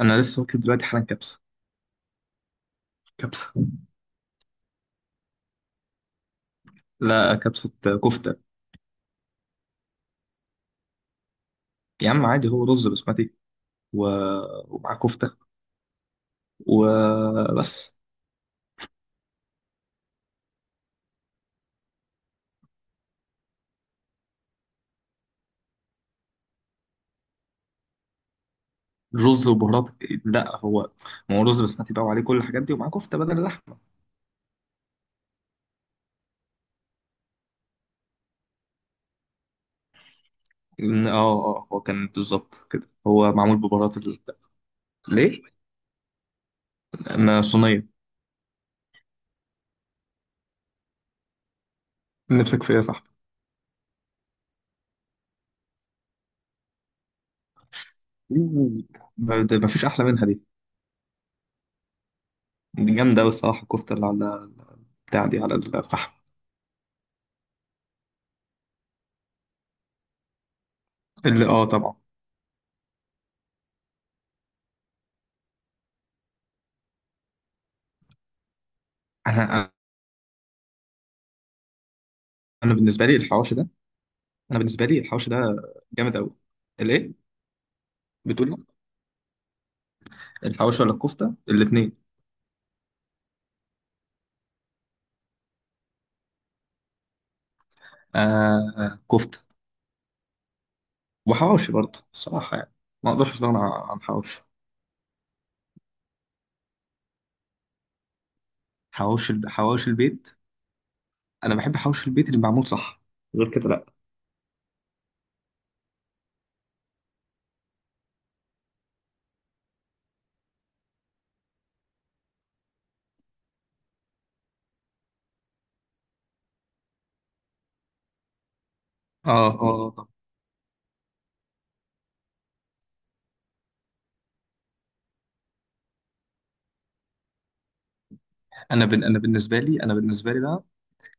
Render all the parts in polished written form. انا لسه واكل دلوقتي حالا كبسه. كبسه. لا، كبسه. كفته. يا عم عادي، هو رز بسمتي و... ومعاه كفته وبس. رز وبهارات. لا، هو ما هو رز بسمتي بقى، وعليه كل الحاجات دي، ومعاه كفته بدل اللحمه. هو كان بالظبط كده، هو معمول ببهارات ليه؟ ما صينيه. نفسك في ايه يا صاحبي؟ أوه. ما فيش احلى منها دي. دي جامده أوي الصراحه، الكفته اللي على بتاع دي على الفحم. اللي، اه، طبعا. انا انا بالنسبه لي الحواوشي ده، انا بالنسبه لي الحوش ده، جامد قوي. الايه؟ بتقول لي؟ الحوش ولا الكفته؟ الاثنين. آه، كفته. وحواوشي برضه الصراحه يعني، ما اقدرش استغنى عن حواوشي. حواوشي البيت. انا بحب حواوشي البيت اللي معمول صح، غير كده لا. اه، اه، طب. انا بالنسبه لي بقى،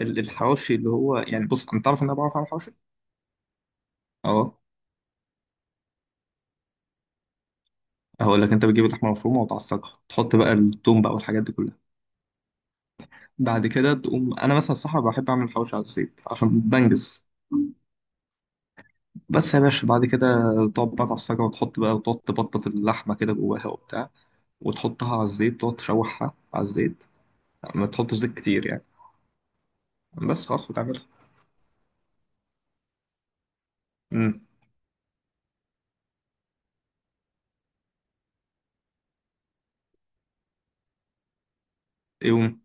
الحواوشي اللي هو يعني، بص، انت تعرف ان انا بعرف اعمل حواوشي. اه، هقول لك، انت بتجيب اللحمه المفرومه وتعصجها، تحط بقى التوم بقى والحاجات دي كلها. بعد كده تقوم انا مثلا الصراحه بحب اعمل حواوشي على الزيت عشان بنجز. بس يا باشا بعد كده تقعد بقى تعصجها، وتحط بقى، وتقعد تبطط اللحمة كده جواها وبتاع، وتحطها على الزيت، تقعد تشوحها على الزيت. ما تحطش زيت كتير يعني، بس خلاص وتعملها. امم. يوم.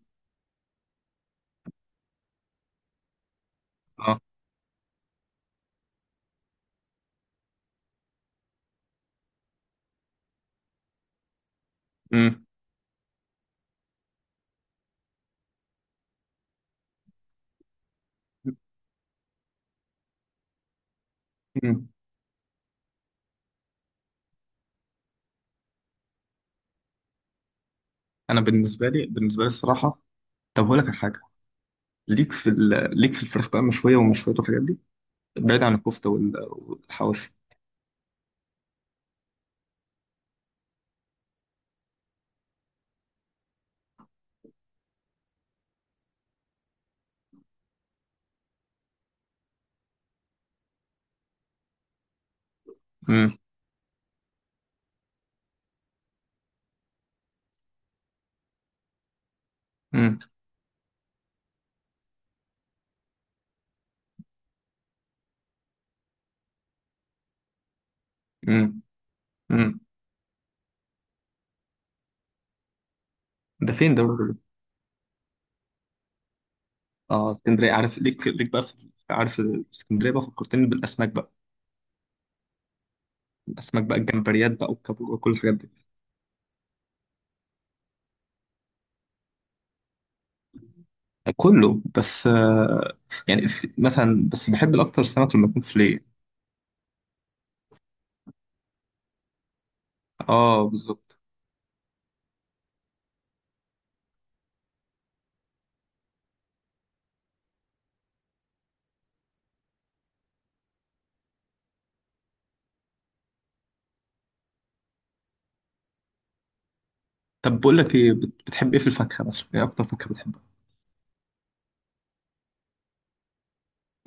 اه. امم، امم. انا بالنسبة لي الصراحة، طب هقول لك على حاجة. ليك في الفراخ بقى مشوية ومشوية والحاجات دي، بعيد عن الكفتة والحواوشي. امم. امم. امم. امم. ده فين ده؟ اه، اسكندرية، عارف؟ ليك بقى عارف، اسكندرية بقى فكرتني بالأسماك بقى. اسماك بقى، الجمبريات بقى والكابور وكل الحاجات دي. كله، بس يعني في مثلا، بس بحب الاكتر سمك لما يكون فيليه. اه، بالظبط. طب بقول لك ايه، بتحب ايه في الفاكهه مثلا؟ ايه اكتر فاكهه بتحبها؟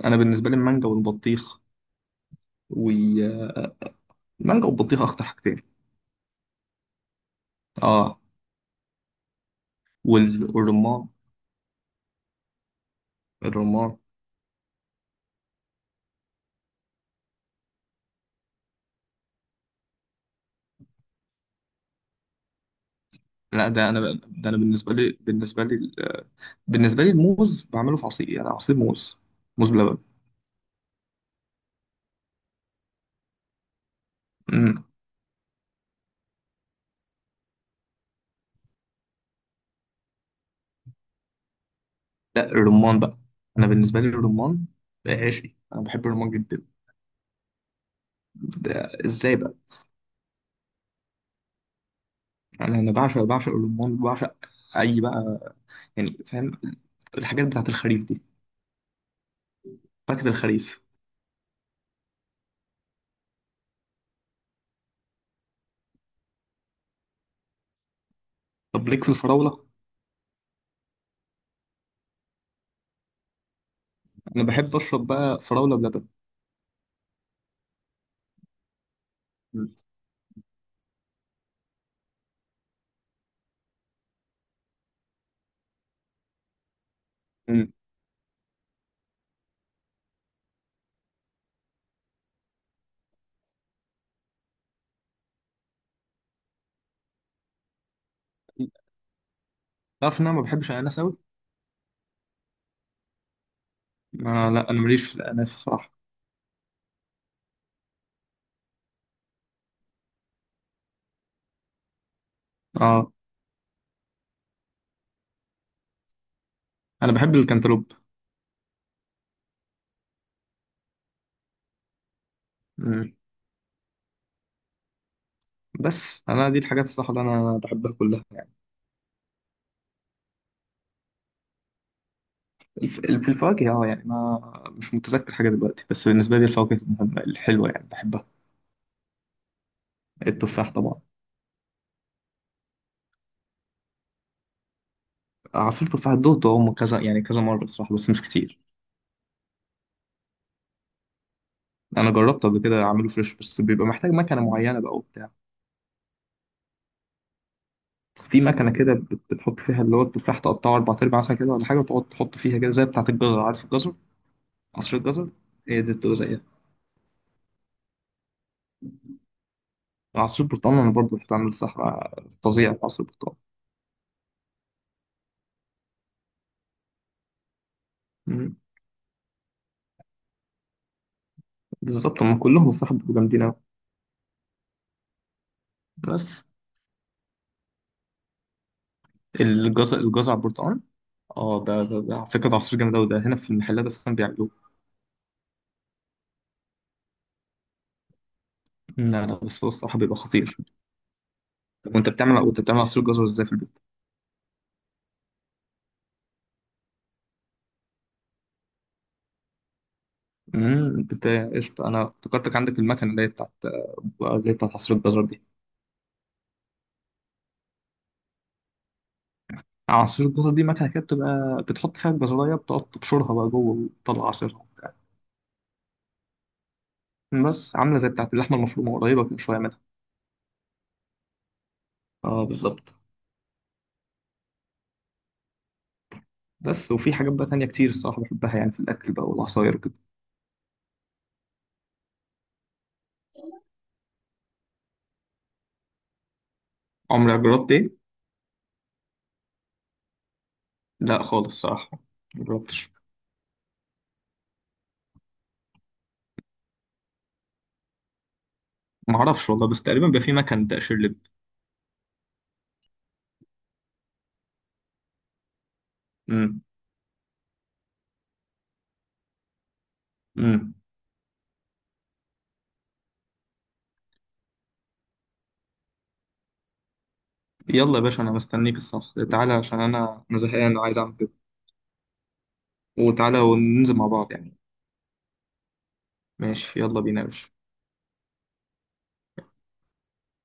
انا بالنسبه لي المانجا والبطيخ والمانجا والبطيخ، اكتر حاجتين. اه، والرمان. الرمان. لا، ده انا بالنسبه لي بالنسبه لي الموز بعمله في عصير، يعني عصير موز، موز بلبن. إمم. لا، الرمان بقى. انا بالنسبه لي الرمان عشقي، انا بحب الرمان جدا. ده ازاي بقى؟ انا بعشق الرمان بعشق. اي بقى، يعني، فاهم؟ الحاجات بتاعت الخريف دي، فاكهه الخريف. طب ليك في الفراوله؟ انا بحب اشرب بقى فراوله بلبن. م- م. تعرف ان انا ما بحبش الاناناس قوي؟ آه، لا انا ماليش في الاناناس الصراحه. اه، انا بحب الكنتالوب. م. بس انا دي الحاجات الصراحه اللي انا بحبها كلها. في الفواكه، يعني، ما مش متذكر حاجة دلوقتي، بس بالنسبة لي الفواكه المهمة الحلوة يعني بحبها. التفاح طبعا. عصير تفاح دوقته، هم كذا يعني، كذا مرة بصراحة، بس مش كتير. أنا جربته قبل كده أعمله فريش، بس بيبقى محتاج مكنة معينة بقى وبتاع. في مكنة كده، بتحط فيها اللي هو التفاح، تقطعه أربع أرباع مثلا كده ولا حاجة، وتقعد تحط فيها كده زي بتاعة الجزر، عارف الجزر؟ عصير الجزر. هي دي بتبقى زيها. عصير برتقال، أنا برضه بحب أعمل صحراء فظيع في عصير برتقال. مم. بالظبط، هم كلهم الصراحة بيبقوا جامدين أوي. بس الجزر على البرتقال، اه. ده على فكرة، ده عصير جامد أوي، ده هنا في المحلات أصلا بيعملوه. لا لا، بس هو الصراحة بيبقى خطير. طب، وأنت بتعمل عصير جزر إزاي في البيت؟ امم، قشطة. أنا افتكرتك عندك المكنة اللي هي بتاعت عصير الجزر دي. عصير الجزر دي مكنة كده، بتبقى بتحط فيها الجزراية، بتقعد تبشرها بقى جوه وتطلع عصيرها وبتاع. بس عاملة زي بتاعت اللحمة المفرومة، قريبة كده شوية منها. اه، بالظبط. بس وفي حاجات بقى تانية كتير الصراحة بحبها يعني، في الأكل بقى والعصاير وكده. عمرك جربت إيه؟ لا خالص الصراحة، مجربتش. ما اعرفش والله، بس تقريبا بيبقى في مكان تقشير لب. امم. امم. يلا يا باشا، انا مستنيك. الصح، تعالى عشان انا زهقان وعايز اعمل كده. وتعالى وننزل مع بعض يعني. ماشي، يلا بينا يا باشا.